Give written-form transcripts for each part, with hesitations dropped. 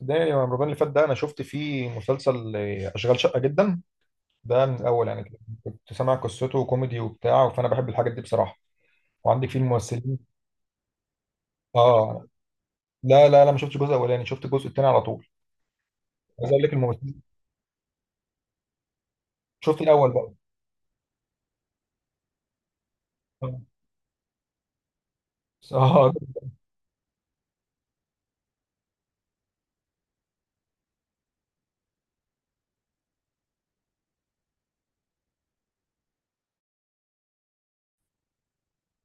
ده يا رمضان اللي فات ده انا شفت فيه مسلسل اشغال شقه جدا. ده من الاول يعني كده. كنت سامع قصته وكوميدي وبتاع فانا بحب الحاجات دي بصراحه. وعندك فيه الممثلين. اه. لا لا لا، ما شفتش الجزء الاولاني، شفت الجزء الثاني على طول. عايز اقول لك الممثلين. شفت الاول بقى. اه اه.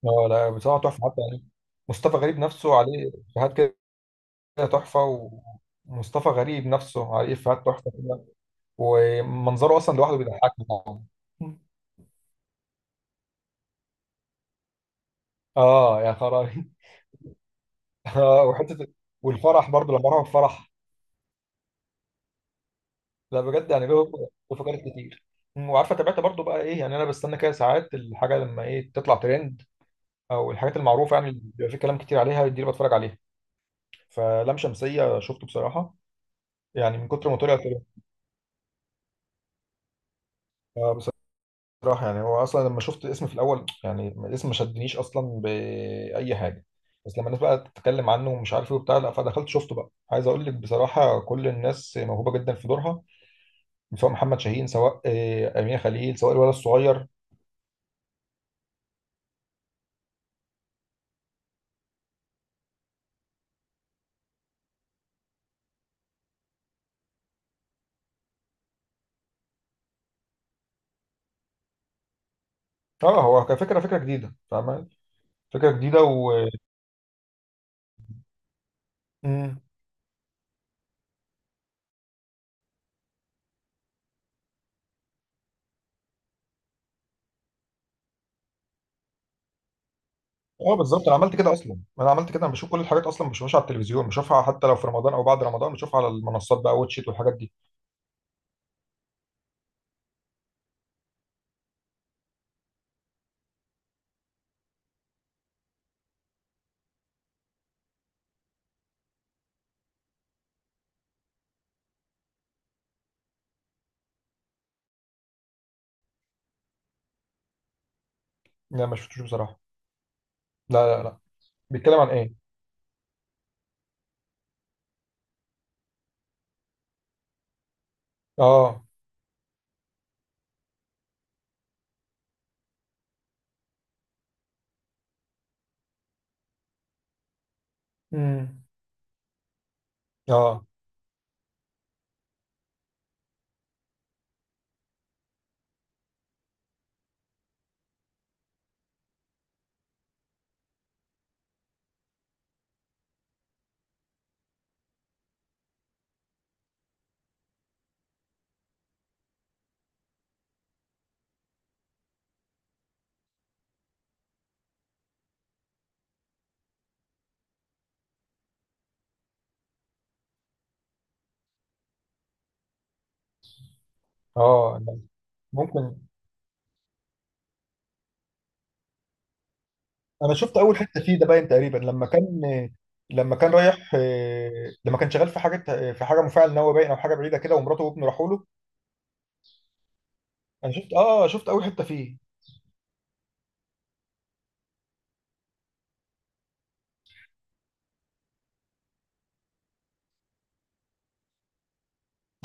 لا بصراحه تحفه حتى يعني. مصطفى غريب نفسه عليه افيهات كده تحفه. ومصطفى غريب نفسه عليه افيهات تحفه كده. ومنظره اصلا لوحده بيضحكني طبعا. اه يا خرابي. اه وحته. والفرح برضه لما راحوا الفرح. لا بجد يعني له فقرات كتير. وعارفه تابعت برضه بقى ايه، يعني انا بستنى كده ساعات الحاجه لما ايه تطلع ترند، او الحاجات المعروفه يعني اللي بيبقى في كلام كتير عليها دي اللي بتفرج عليها. فلام شمسيه شفته بصراحه، يعني من كتر ما طلع ترند. آه، بصراحه يعني هو اصلا لما شفت الاسم في الاول، يعني الاسم ما شدنيش اصلا باي حاجه. بس لما الناس بقى تتكلم عنه ومش عارف ايه وبتاع، لا فدخلت شفته بقى. عايز اقول لك بصراحه كل الناس موهوبه جدا في دورها، سواء محمد شاهين سواء امين خليل سواء الولد الصغير. اه هو كفكره فكره جديده فاهم. فكره جديده و امم. اه بالظبط انا عملت كده اصلا. انا عملت كده، انا بشوف كل الحاجات اصلا ما بشوفهاش على التلفزيون، بشوفها حتى لو في رمضان او بعد رمضان، بشوفها على المنصات بقى واتشيت والحاجات دي. لا ما شفتوش بصراحه. لا لا لا. بيتكلم عن ايه؟ اه امم اه اه. ممكن. انا شفت اول حته فيه، ده باين تقريبا لما كان، لما كان رايح، لما كان شغال في حاجه مفاعل نووي باين او حاجه بعيده كده، ومراته وابنه راحوا له. انا شفت اول حته فيه.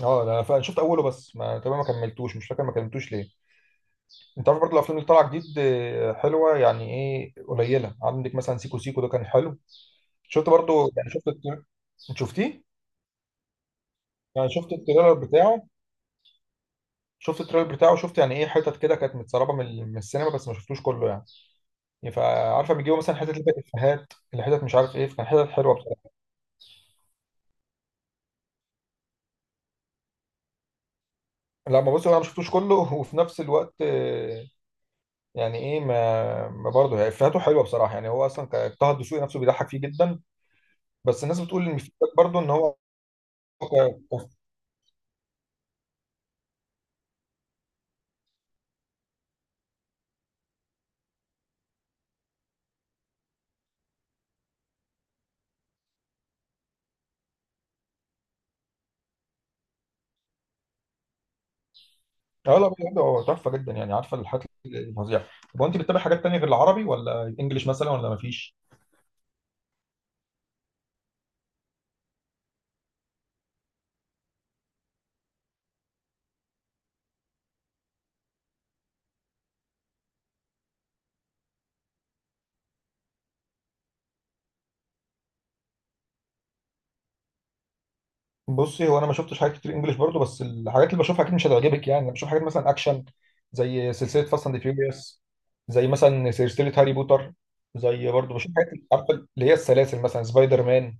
اه انا فعلا شفت اوله بس ما تمام ما كملتوش، مش فاكر ما كملتوش ليه. انت عارف برضه الافلام اللي طالعه جديد حلوه يعني ايه قليله، عندك مثلا سيكو سيكو ده كان حلو. شفت برضه، يعني انت شفتيه؟ يعني شفت التريلر بتاعه. شفت التريلر بتاعه، شفت يعني ايه حتت كده كانت متسربه من السينما، بس ما شفتوش كله يعني. يعني فعارفه بيجيبوا مثلا حتت اللي فيها افيهات، اللي حتت مش عارف ايه، فكان حتت حلوه بصراحه. لا ما بص انا ما شفتوش كله وفي نفس الوقت، يعني ايه ما برضه هي افاته حلوه بصراحه. يعني هو اصلا طه الدسوقي نفسه بيضحك فيه جدا. بس الناس بتقول ان فكرة برضه ان هو ك- ك- اه لا بجد هو تحفه جدا، يعني عارفه الحاجات الفظيعه. طب هو انت بتتابع حاجات تانية غير العربي ولا الانجليش مثلا ولا ما فيش؟ بصي، هو انا ما شفتش حاجات كتير انجليش برضه، بس الحاجات اللي بشوفها اكيد مش هتعجبك. يعني انا بشوف حاجات مثلا اكشن، زي سلسله فاست اند فيوريوس، زي مثلا سلسله هاري بوتر، زي برضه بشوف حاجات عارفه اللي هي السلاسل مثلا سبايدر مان.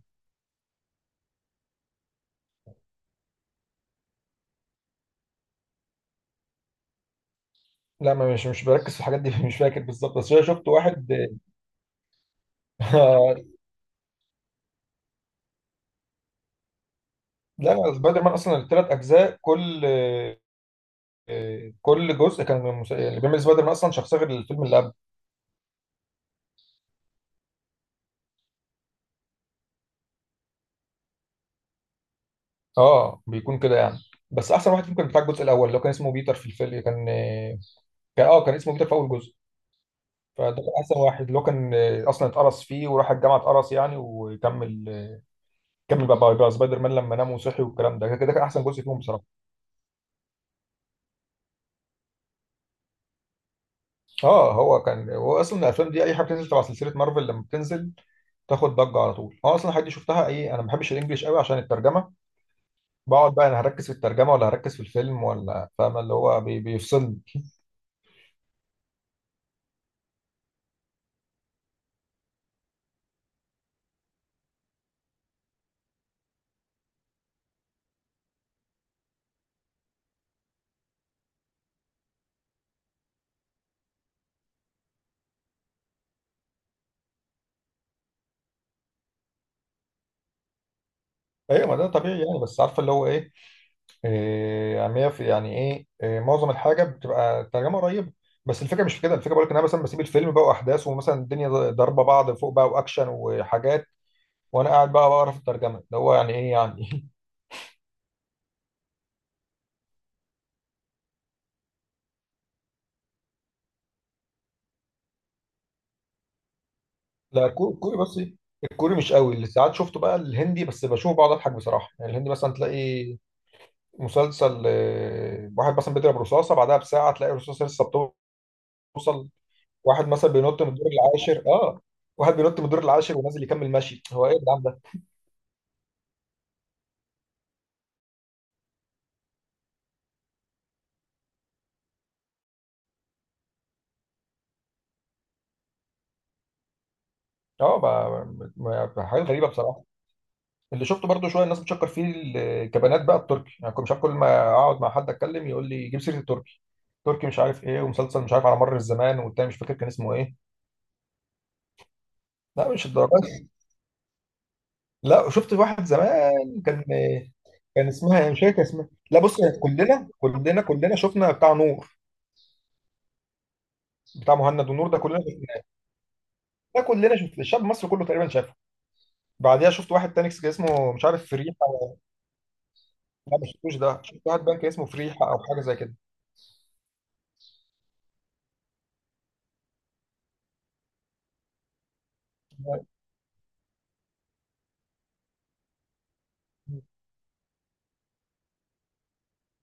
لا ما مش بركز في الحاجات دي مش فاكر بالظبط، بس انا شفت واحد. لا سبايدر مان اصلا الـ3 اجزاء، كل جزء كان اللي بيعمل سبايدر مان اصلا شخصيه غير الفيلم اللي قبل. اه بيكون كده يعني. بس احسن واحد ممكن بتاع الجزء الاول، اللي هو كان اسمه بيتر في الفيلم كان اسمه بيتر في اول جزء. فده كان احسن واحد، اللي هو كان اصلا اتقرص فيه وراح الجامعه اتقرص يعني وكمل بقى سبايدر مان لما نام وصحي، والكلام ده كده كان احسن جزء فيهم بصراحه. اه هو كان هو اصلا الافلام دي اي حاجه بتنزل تبع سلسله مارفل لما بتنزل تاخد ضجه على طول. اه اصلا حد شفتها ايه. انا ما بحبش الانجليش قوي عشان الترجمه. بقعد بقى انا هركز في الترجمه ولا هركز في الفيلم، ولا فاهم، اللي هو بيفصلني. ايوه ما ده طبيعي يعني. بس عارفه اللي هو ايه، عاميه في يعني ايه معظم الحاجه بتبقى الترجمه قريبه. بس الفكره مش في كده، الفكره بقول لك ان انا مثلا بسيب الفيلم بقى واحداث، ومثلا الدنيا ضاربه بعض فوق بقى واكشن وحاجات، وانا قاعد بقى بقرا في الترجمه، اللي هو يعني ايه يعني. لا كوري بس الكوري مش قوي. اللي ساعات شفته بقى الهندي، بس بشوفه بقعد اضحك بصراحه. يعني الهندي مثلا تلاقي مسلسل، واحد مثلا بيضرب رصاصه بعدها بساعه تلاقي الرصاصه لسه بتوصل. واحد مثلا بينط من الدور العاشر اه. واحد بينط من الدور العاشر ونازل يكمل ماشي، هو ايه الكلام ده؟ اه حاجات غريبه بصراحه. اللي شفته برضو شويه الناس بتشكر فيه الكبانات بقى التركي، يعني كنت مش عارف، كل ما اقعد مع حد اتكلم يقول لي جيب سيره التركي، تركي مش عارف ايه ومسلسل مش عارف على مر الزمان، والتاني مش فاكر كان اسمه ايه. لا مش الدرجه. لا شفت واحد زمان كان. كان اسمها إيه؟ مش فاكر اسمها. لا بص، هي كلنا شفنا بتاع نور. بتاع مهند ونور ده كلنا شفناه. ده كلنا شفت الشعب المصري كله تقريبا شافه. بعديها شفت واحد تاني كان اسمه مش عارف فريحه. لا ما شفتوش ده، شفت واحد بقى كان اسمه فريحه او حاجه زي كده.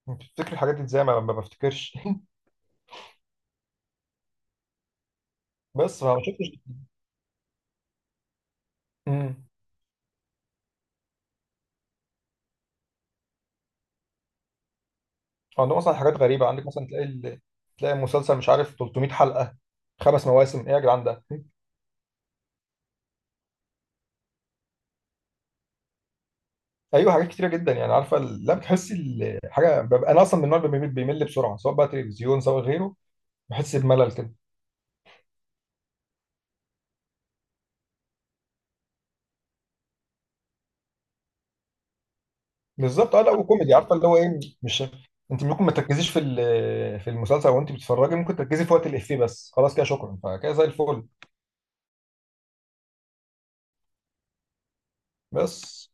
بتفتكر الحاجات دي ازاي، ما بفتكرش. بس فما شفتش. امم. عندهم اصلا حاجات غريبه، عندك مثلا تلاقي المسلسل مش عارف 300 حلقه، 5 مواسم، ايه يا جدعان ده. ايوه حاجات كتيره جدا، يعني عارفه لا بتحسي حاجه ببقى انا اصلا من النوع اللي بيمل بسرعه سواء بقى تلفزيون سواء غيره. بحس بملل كده. بالظبط اه لا وكوميدي عارفه اللي هو ايه مش. انت ممكن ما تركزيش في المسلسل، وانت بتتفرجي ممكن تركزي في وقت الافيه بس خلاص كده شكرا، فكده زي الفل. بس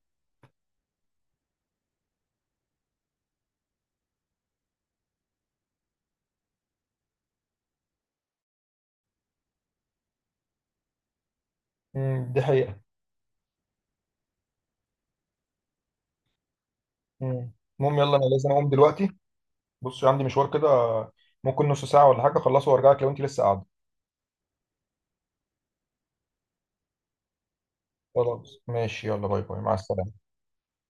دي حقيقه. مم. المهم يلا انا لازم اقوم دلوقتي، بص عندي مشوار كده، ممكن نص ساعه ولا حاجه اخلصه وارجع لك لو انت لسه قاعده. خلاص ماشي يلا، باي باي مع السلامه.